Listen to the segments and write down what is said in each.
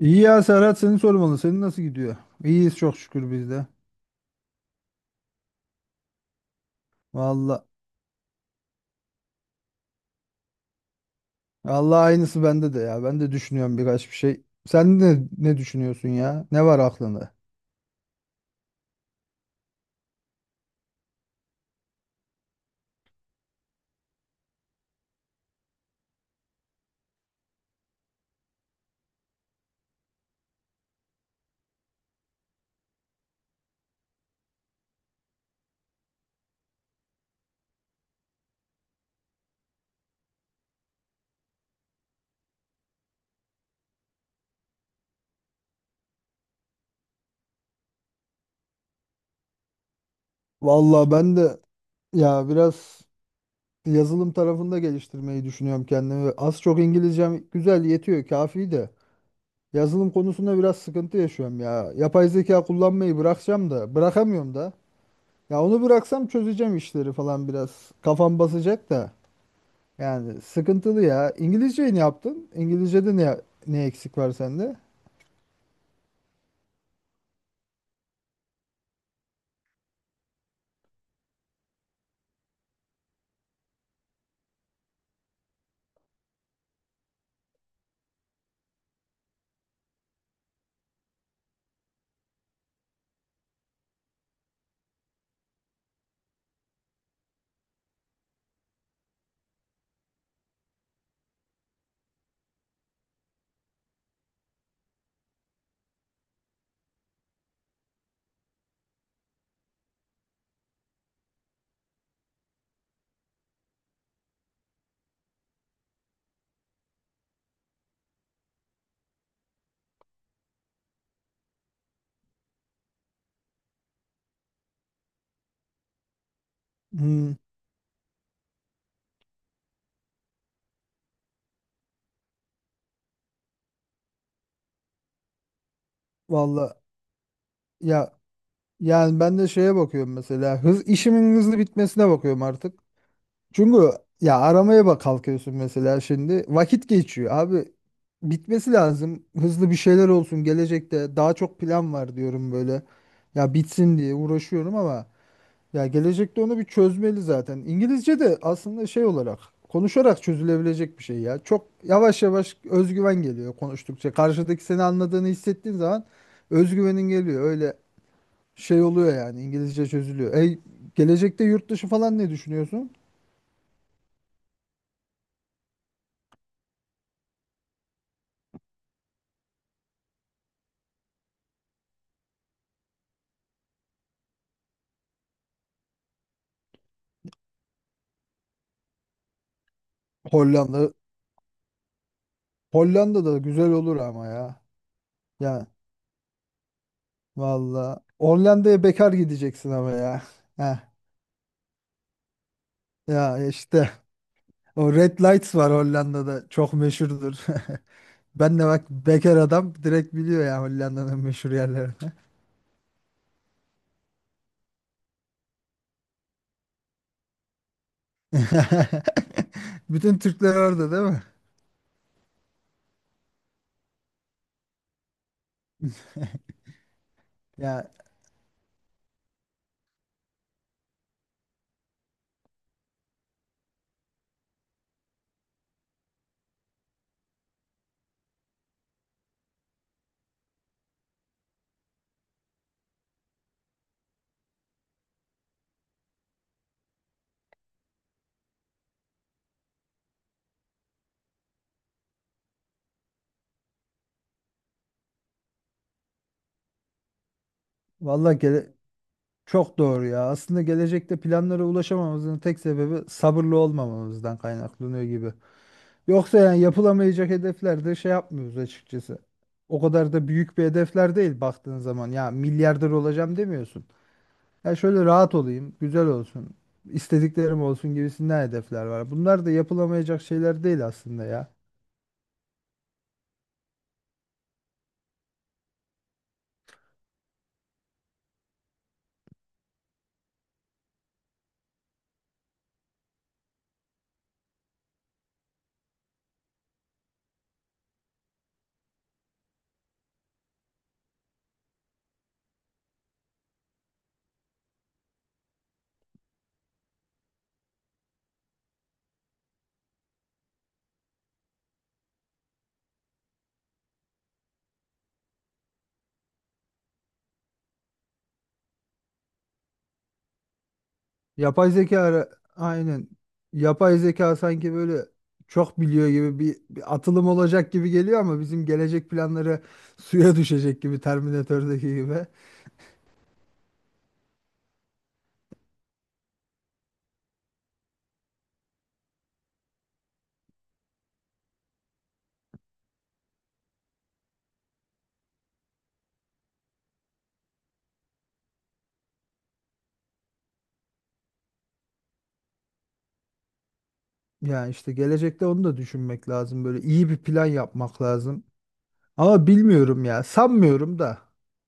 İyi ya Serhat seni sormalı. Senin nasıl gidiyor? İyiyiz çok şükür biz de. Valla. Allah aynısı bende de ya. Ben de düşünüyorum birkaç bir şey. Sen de ne düşünüyorsun ya? Ne var aklında? Valla ben de ya biraz yazılım tarafında geliştirmeyi düşünüyorum kendimi. Az çok İngilizcem güzel yetiyor, kafi de. Yazılım konusunda biraz sıkıntı yaşıyorum ya. Yapay zeka kullanmayı bırakacağım da, bırakamıyorum da. Ya onu bıraksam çözeceğim işleri falan biraz. Kafam basacak da. Yani sıkıntılı ya. İngilizceyi ne yaptın? İngilizce'de ne eksik var sende? Hmm, valla ya yani ben de şeye bakıyorum mesela hız işimin hızlı bitmesine bakıyorum artık. Çünkü ya aramaya bak kalkıyorsun mesela şimdi vakit geçiyor abi bitmesi lazım hızlı bir şeyler olsun gelecekte daha çok plan var diyorum böyle ya bitsin diye uğraşıyorum ama ya gelecekte onu bir çözmeli zaten. İngilizce de aslında şey olarak konuşarak çözülebilecek bir şey ya. Çok yavaş yavaş özgüven geliyor konuştukça. Karşıdaki seni anladığını hissettiğin zaman özgüvenin geliyor. Öyle şey oluyor yani İngilizce çözülüyor. Ey gelecekte yurt dışı falan ne düşünüyorsun? Hollanda. Hollanda da güzel olur ama ya. Ya valla. Hollanda'ya bekar gideceksin ama ya. Heh. Ya işte o Red Lights var Hollanda'da çok meşhurdur. Ben de bak bekar adam direkt biliyor ya Hollanda'nın meşhur yerlerini. Bütün Türkler orada değil mi? Ya vallahi gele- çok doğru ya. Aslında gelecekte planlara ulaşamamamızın tek sebebi sabırlı olmamamızdan kaynaklanıyor gibi. Yoksa yani yapılamayacak hedeflerde şey yapmıyoruz açıkçası. O kadar da büyük bir hedefler değil baktığın zaman. Ya milyarder olacağım demiyorsun. Ya şöyle rahat olayım, güzel olsun, istediklerim olsun gibisinden hedefler var. Bunlar da yapılamayacak şeyler değil aslında ya. Yapay zeka ara- aynen. Yapay zeka sanki böyle çok biliyor gibi bir atılım olacak gibi geliyor ama bizim gelecek planları suya düşecek gibi Terminator'daki gibi. Yani işte gelecekte onu da düşünmek lazım. Böyle iyi bir plan yapmak lazım. Ama bilmiyorum ya. Sanmıyorum da.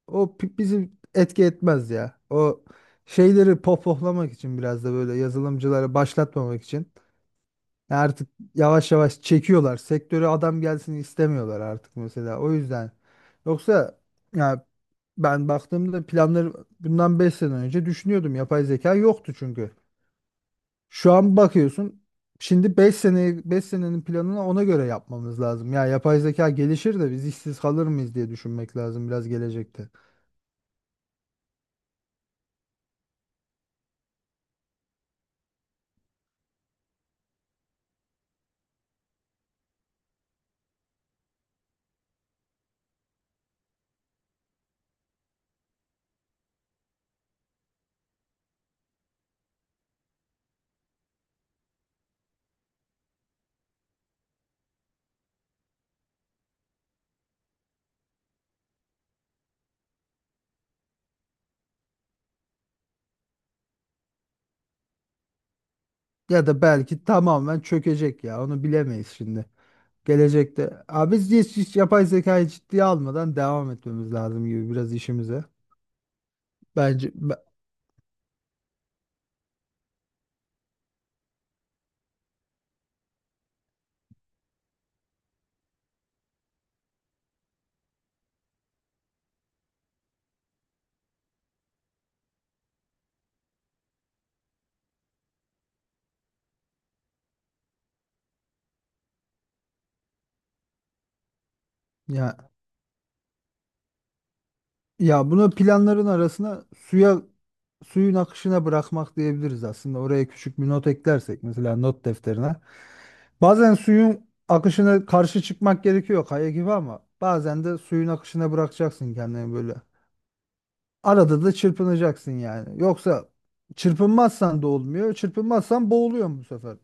Bizi etki etmez ya. O şeyleri pohpohlamak için biraz da böyle yazılımcıları başlatmamak için. Ya artık yavaş yavaş çekiyorlar. Sektöre adam gelsin istemiyorlar artık mesela. O yüzden. Yoksa ya ben baktığımda planları bundan 5 sene önce düşünüyordum. Yapay zeka yoktu çünkü. Şu an bakıyorsun. Şimdi beş senenin planını ona göre yapmamız lazım. Ya yapay zeka gelişir de biz işsiz kalır mıyız diye düşünmek lazım biraz gelecekte. Ya da belki tamamen çökecek ya. Onu bilemeyiz şimdi. Gelecekte. Abi biz hiç yapay zekayı ciddiye almadan devam etmemiz lazım gibi biraz işimize. Bence ben- Ya ya bunu planların arasına suyun akışına bırakmak diyebiliriz aslında. Oraya küçük bir not eklersek mesela not defterine. Bazen suyun akışına karşı çıkmak gerekiyor kaya gibi ama bazen de suyun akışına bırakacaksın kendini böyle. Arada da çırpınacaksın yani. Yoksa çırpınmazsan da olmuyor. Çırpınmazsan boğuluyorsun bu sefer.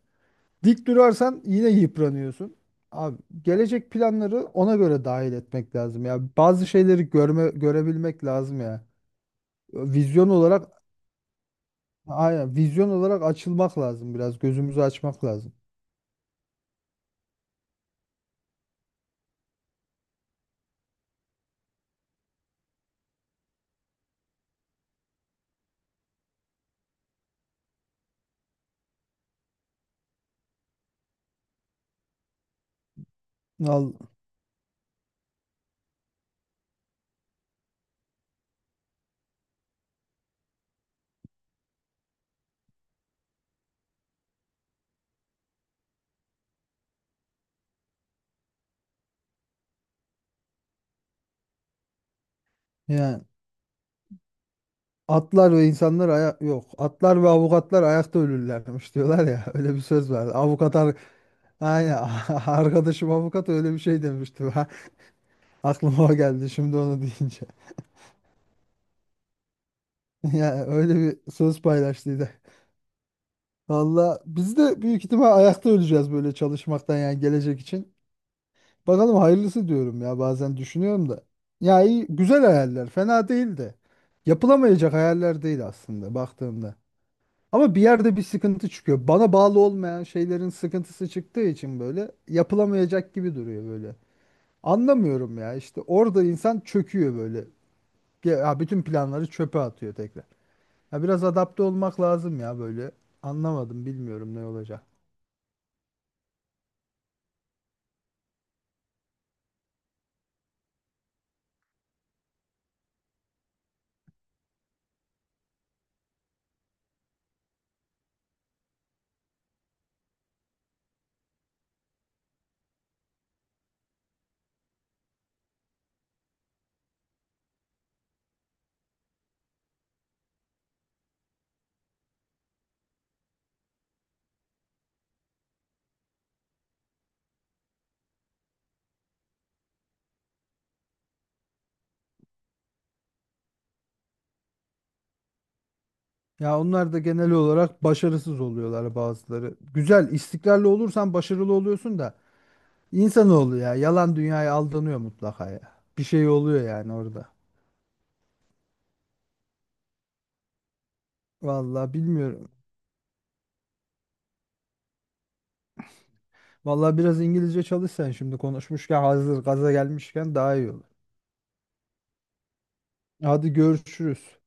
Dik durarsan yine yıpranıyorsun. Abi gelecek planları ona göre dahil etmek lazım ya. Bazı şeyleri görebilmek lazım ya. Vizyon olarak aynen vizyon olarak açılmak lazım biraz. Gözümüzü açmak lazım. Al, yani atlar ve insanlar aya yok. Atlar ve avukatlar ayakta ölürlermiş diyorlar ya. Öyle bir söz var. Aynen. Arkadaşım avukat öyle bir şey demişti. Ha, aklıma o geldi şimdi onu deyince. Yani öyle bir söz paylaştıydı. Valla biz de büyük ihtimal ayakta öleceğiz böyle çalışmaktan yani gelecek için. Bakalım hayırlısı diyorum ya bazen düşünüyorum da. Ya iyi, güzel hayaller fena değil de. Yapılamayacak hayaller değil aslında baktığımda. Ama bir yerde bir sıkıntı çıkıyor. Bana bağlı olmayan şeylerin sıkıntısı çıktığı için böyle yapılamayacak gibi duruyor böyle. Anlamıyorum ya işte orada insan çöküyor böyle. Ya bütün planları çöpe atıyor tekrar. Ya biraz adapte olmak lazım ya böyle. Anlamadım bilmiyorum ne olacak. Ya onlar da genel olarak başarısız oluyorlar bazıları. Güzel, istikrarlı olursan başarılı oluyorsun da insanoğlu ya yalan dünyaya aldanıyor mutlaka ya. Bir şey oluyor yani orada. Vallahi bilmiyorum. Vallahi biraz İngilizce çalışsan şimdi konuşmuşken hazır gaza gelmişken daha iyi olur. Hadi görüşürüz.